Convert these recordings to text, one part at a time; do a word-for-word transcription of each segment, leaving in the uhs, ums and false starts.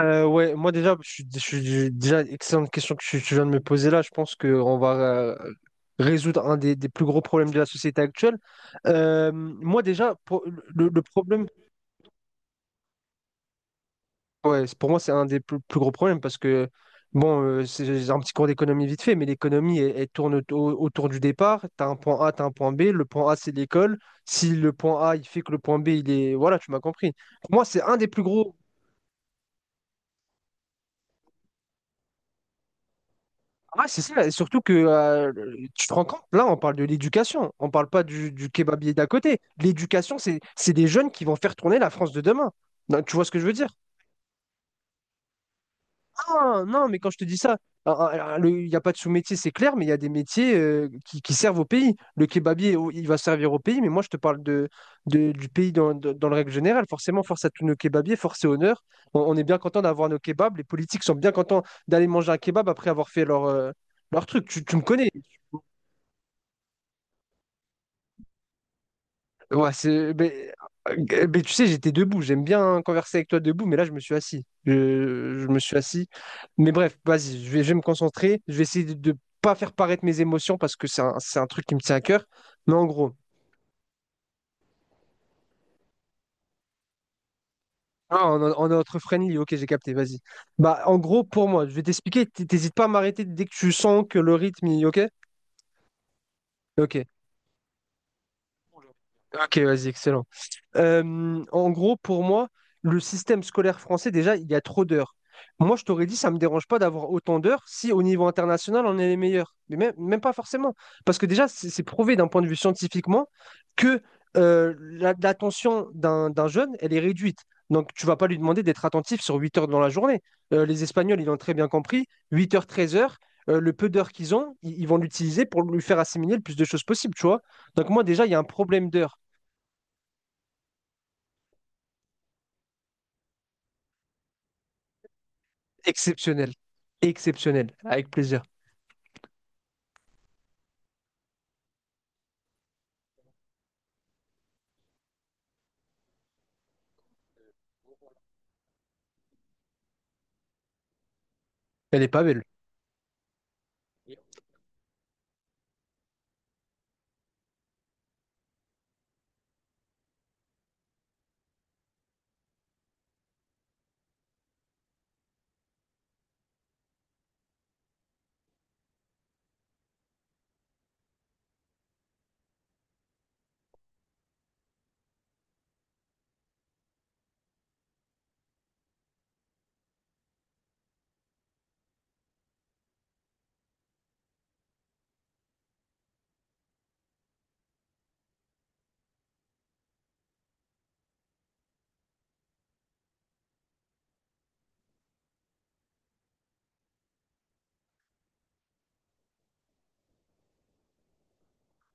Euh, ouais, moi déjà, je suis, je suis- déjà excellente question que tu, tu viens de me poser là. Je pense qu'on va euh, résoudre un des, des plus gros problèmes de la société actuelle. Euh, moi déjà, pour- le, le problème, ouais, c'est- pour moi c'est un des plus, plus gros problèmes parce que bon, euh, c'est j'ai un petit cours d'économie vite fait, mais l'économie elle, elle tourne au- autour du départ. T'as un point A, t'as un point B. Le point A c'est l'école. Si le point A il fait que le point B il est, voilà, tu m'as compris. Pour moi c'est un des plus gros. Ouais, c'est ça, et surtout que euh, tu te rends compte, là on parle de l'éducation, on parle pas du, du kebabier d'à côté. L'éducation, c'est c'est des jeunes qui vont faire tourner la France de demain. Non, tu vois ce que je veux dire? Ah non, mais quand je te dis ça, ah, ah, le- il n'y a pas de sous-métier, c'est clair, mais il y a des métiers euh, qui, qui servent au pays. Le kebabier, oh, il va servir au pays, mais moi je te parle de, de- du pays dans, dans, dans le règle générale. Forcément, force à tous nos kebabiers, force et honneur. On, on est bien content d'avoir nos kebabs, les politiques sont bien contents d'aller manger un kebab après avoir fait leur, euh, leur truc. Tu, tu me connais. Ouais, c'est. Mais, euh, mais tu sais, j'étais debout. J'aime bien converser avec toi debout, mais là, je me suis assis. Je, je me suis assis. Mais bref, vas-y, je vais, je vais me concentrer. Je vais essayer de de pas faire paraître mes émotions parce que c'est un, c'est un truc qui me tient à cœur. Mais en gros, ah, on, a- on est entre friendly. Ok, j'ai capté, vas-y. Bah, en gros, pour moi, je vais t'expliquer. t- T'hésites pas à m'arrêter dès que tu sens que le rythme, il- ok? Ok. Ok, vas-y, excellent. Euh, en gros, pour moi, le système scolaire français, déjà, il y a trop d'heures. Moi, je t'aurais dit, ça ne me dérange pas d'avoir autant d'heures si au niveau international, on est les meilleurs. Mais même, même pas forcément. Parce que déjà, c'est c'est prouvé d'un point de vue scientifiquement que euh, la- l'attention d'un d'un jeune, elle est réduite. Donc, tu vas pas lui demander d'être attentif sur huit heures dans la journée. Euh, les Espagnols, ils l'ont très bien compris. Huit heures, treize heures, euh, le peu d'heures qu'ils ont, ils, ils vont l'utiliser pour lui faire assimiler le plus de choses possible, tu vois. Donc, moi, déjà, il y a un problème d'heures. Exceptionnel. Exceptionnel. Avec plaisir. Elle n'est pas belle.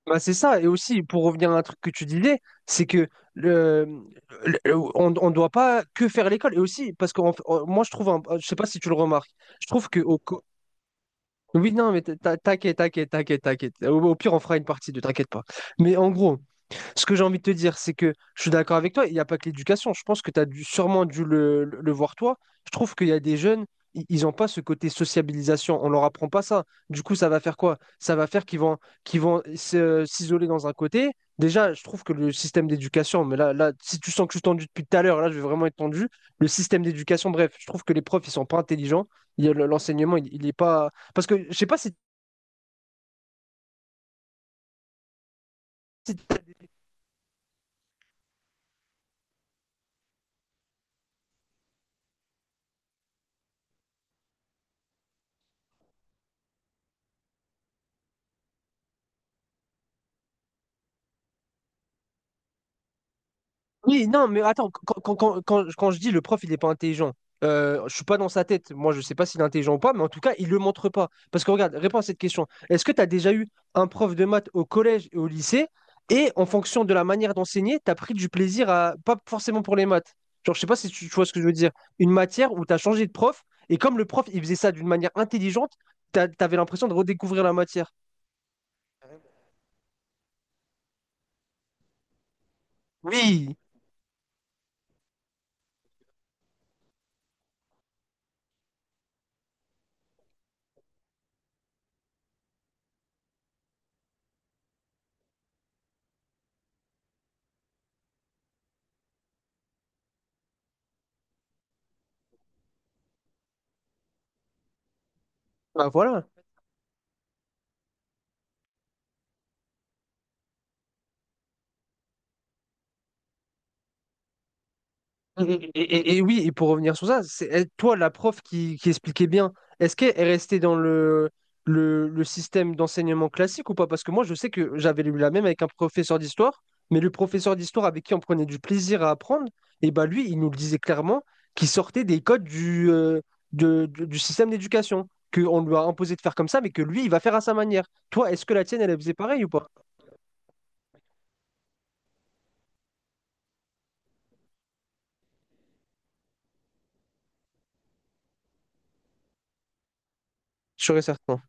Bah, c'est ça. Et aussi, pour revenir à un truc que tu disais, c'est que le, le- le- on ne doit pas que faire l'école. Et aussi, parce que moi, je trouve, un- je sais pas si tu le remarques, je trouve que. Au co- oui, non, mais t'as- t'inquiète, t'inquiète, t'inquiète, t'inquiète. Au, au pire, on fera une partie de t'inquiète pas. Mais en gros, ce que j'ai envie de te dire, c'est que je suis d'accord avec toi, il n'y a pas que l'éducation. Je pense que tu as dû, sûrement dû le, le- le voir toi. Je trouve qu'il y a des jeunes, i- ils n'ont pas ce côté sociabilisation. On leur apprend pas ça. Du coup, ça va faire quoi? Ça va faire qu'ils vont, qu'ils vont se- s'isoler dans un côté. Déjà, je trouve que le système d'éducation, mais là, là, si tu sens que je suis tendu depuis tout à l'heure, là, je vais vraiment être tendu. Le système d'éducation, bref, je trouve que les profs, ils sont pas intelligents. Il y a le- l'enseignement, il, il est pas. Parce que je sais pas si si Oui, non, mais attends, quand, quand, quand, quand- quand je dis le prof, il n'est pas intelligent, euh, je suis pas dans sa tête. Moi, je sais pas s'il est intelligent ou pas, mais en tout cas, il le montre pas. Parce que regarde, réponds à cette question. Est-ce que tu as déjà eu un prof de maths au collège et au lycée, et en fonction de la manière d'enseigner, tu as pris du plaisir à, pas forcément pour les maths. Genre, je sais pas si tu, tu vois ce que je veux dire. Une matière où tu as changé de prof, et comme le prof, il faisait ça d'une manière intelligente, tu avais l'impression de redécouvrir la matière. Oui, bah voilà. Et, et- et- et oui, et pour revenir sur ça, c'est elle- toi, la prof qui, qui expliquait bien, est-ce qu'elle est restée dans le, le, le système d'enseignement classique ou pas? Parce que moi, je sais que j'avais lu la même avec un professeur d'histoire, mais le professeur d'histoire avec qui on prenait du plaisir à apprendre, et bah lui, il nous le disait clairement qu'il sortait des codes du, euh, de- de- du système d'éducation, qu'on lui a imposé de faire comme ça, mais que lui, il va faire à sa manière. Toi, est-ce que la tienne, elle elle faisait pareil ou pas? Sûr et certain.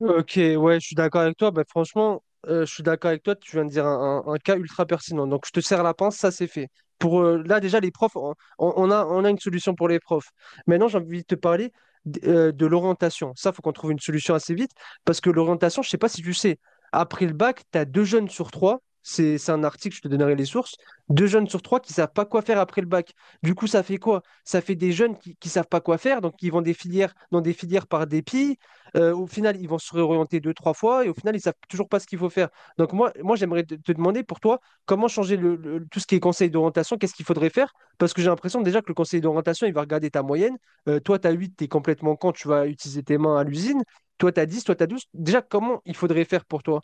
Ok, ouais, je suis d'accord avec toi. Bah, franchement, euh, je suis d'accord avec toi. Tu viens de dire un, un- un cas ultra pertinent. Donc, je te serre la pince, ça c'est fait. Pour euh, là, déjà, les profs, on, on a, on a une solution pour les profs. Maintenant, j'ai envie de te parler d- euh, de l'orientation. Ça, faut qu'on trouve une solution assez vite parce que l'orientation, je sais pas si tu sais, après le bac, tu as deux jeunes sur trois. C'est, c'est un article, je te donnerai les sources. Deux jeunes sur trois qui savent pas quoi faire après le bac. Du coup, ça fait quoi? Ça fait des jeunes qui, qui savent pas quoi faire, donc qui vont des filières, dans des filières par dépit euh, au final, ils vont se réorienter deux, trois fois et au final, ils ne savent toujours pas ce qu'il faut faire. Donc moi, moi j'aimerais te, te demander pour toi, comment changer le, le- tout ce qui est conseil d'orientation, qu'est-ce qu'il faudrait faire? Parce que j'ai l'impression déjà que le conseil d'orientation, il va regarder ta moyenne. Euh, toi, tu as huit, tu es complètement con, tu vas utiliser tes mains à l'usine. Toi, tu as dix, toi, tu as douze. Déjà, comment il faudrait faire pour toi?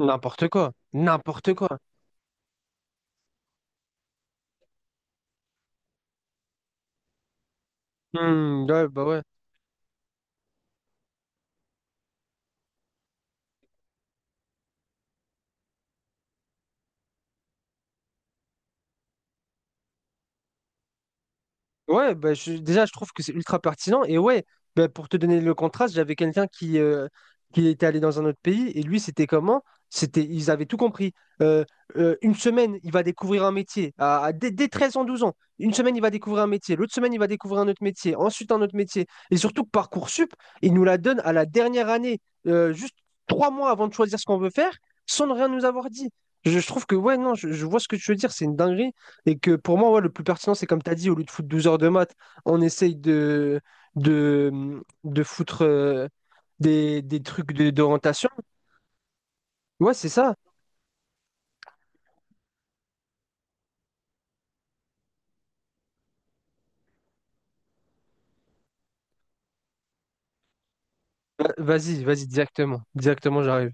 N'importe quoi. N'importe quoi. Hmm, ouais, bah ouais. Ouais, bah, je- déjà, je trouve que c'est ultra pertinent. Et ouais, bah, pour te donner le contraste, j'avais quelqu'un qui, euh, qui était allé dans un autre pays et lui, c'était comment? C'était, ils avaient tout compris. Euh, euh, une semaine, il va découvrir un métier. À, à- dès, dès treize ans, douze ans, une semaine, il va découvrir un métier. L'autre semaine, il va découvrir un autre métier. Ensuite, un autre métier. Et surtout que Parcoursup, il nous la donne à la dernière année, euh, juste trois mois avant de choisir ce qu'on veut faire, sans rien nous avoir dit. Je, je trouve que, ouais, non, je, je vois ce que tu veux dire. C'est une dinguerie. Et que pour moi, ouais, le plus pertinent, c'est comme tu as dit, au lieu de foutre douze heures de maths, on essaye de, de, de foutre euh, des, des trucs de- d'orientation. Ouais, c'est ça. Euh, Vas-y, vas-y, directement. Directement, j'arrive.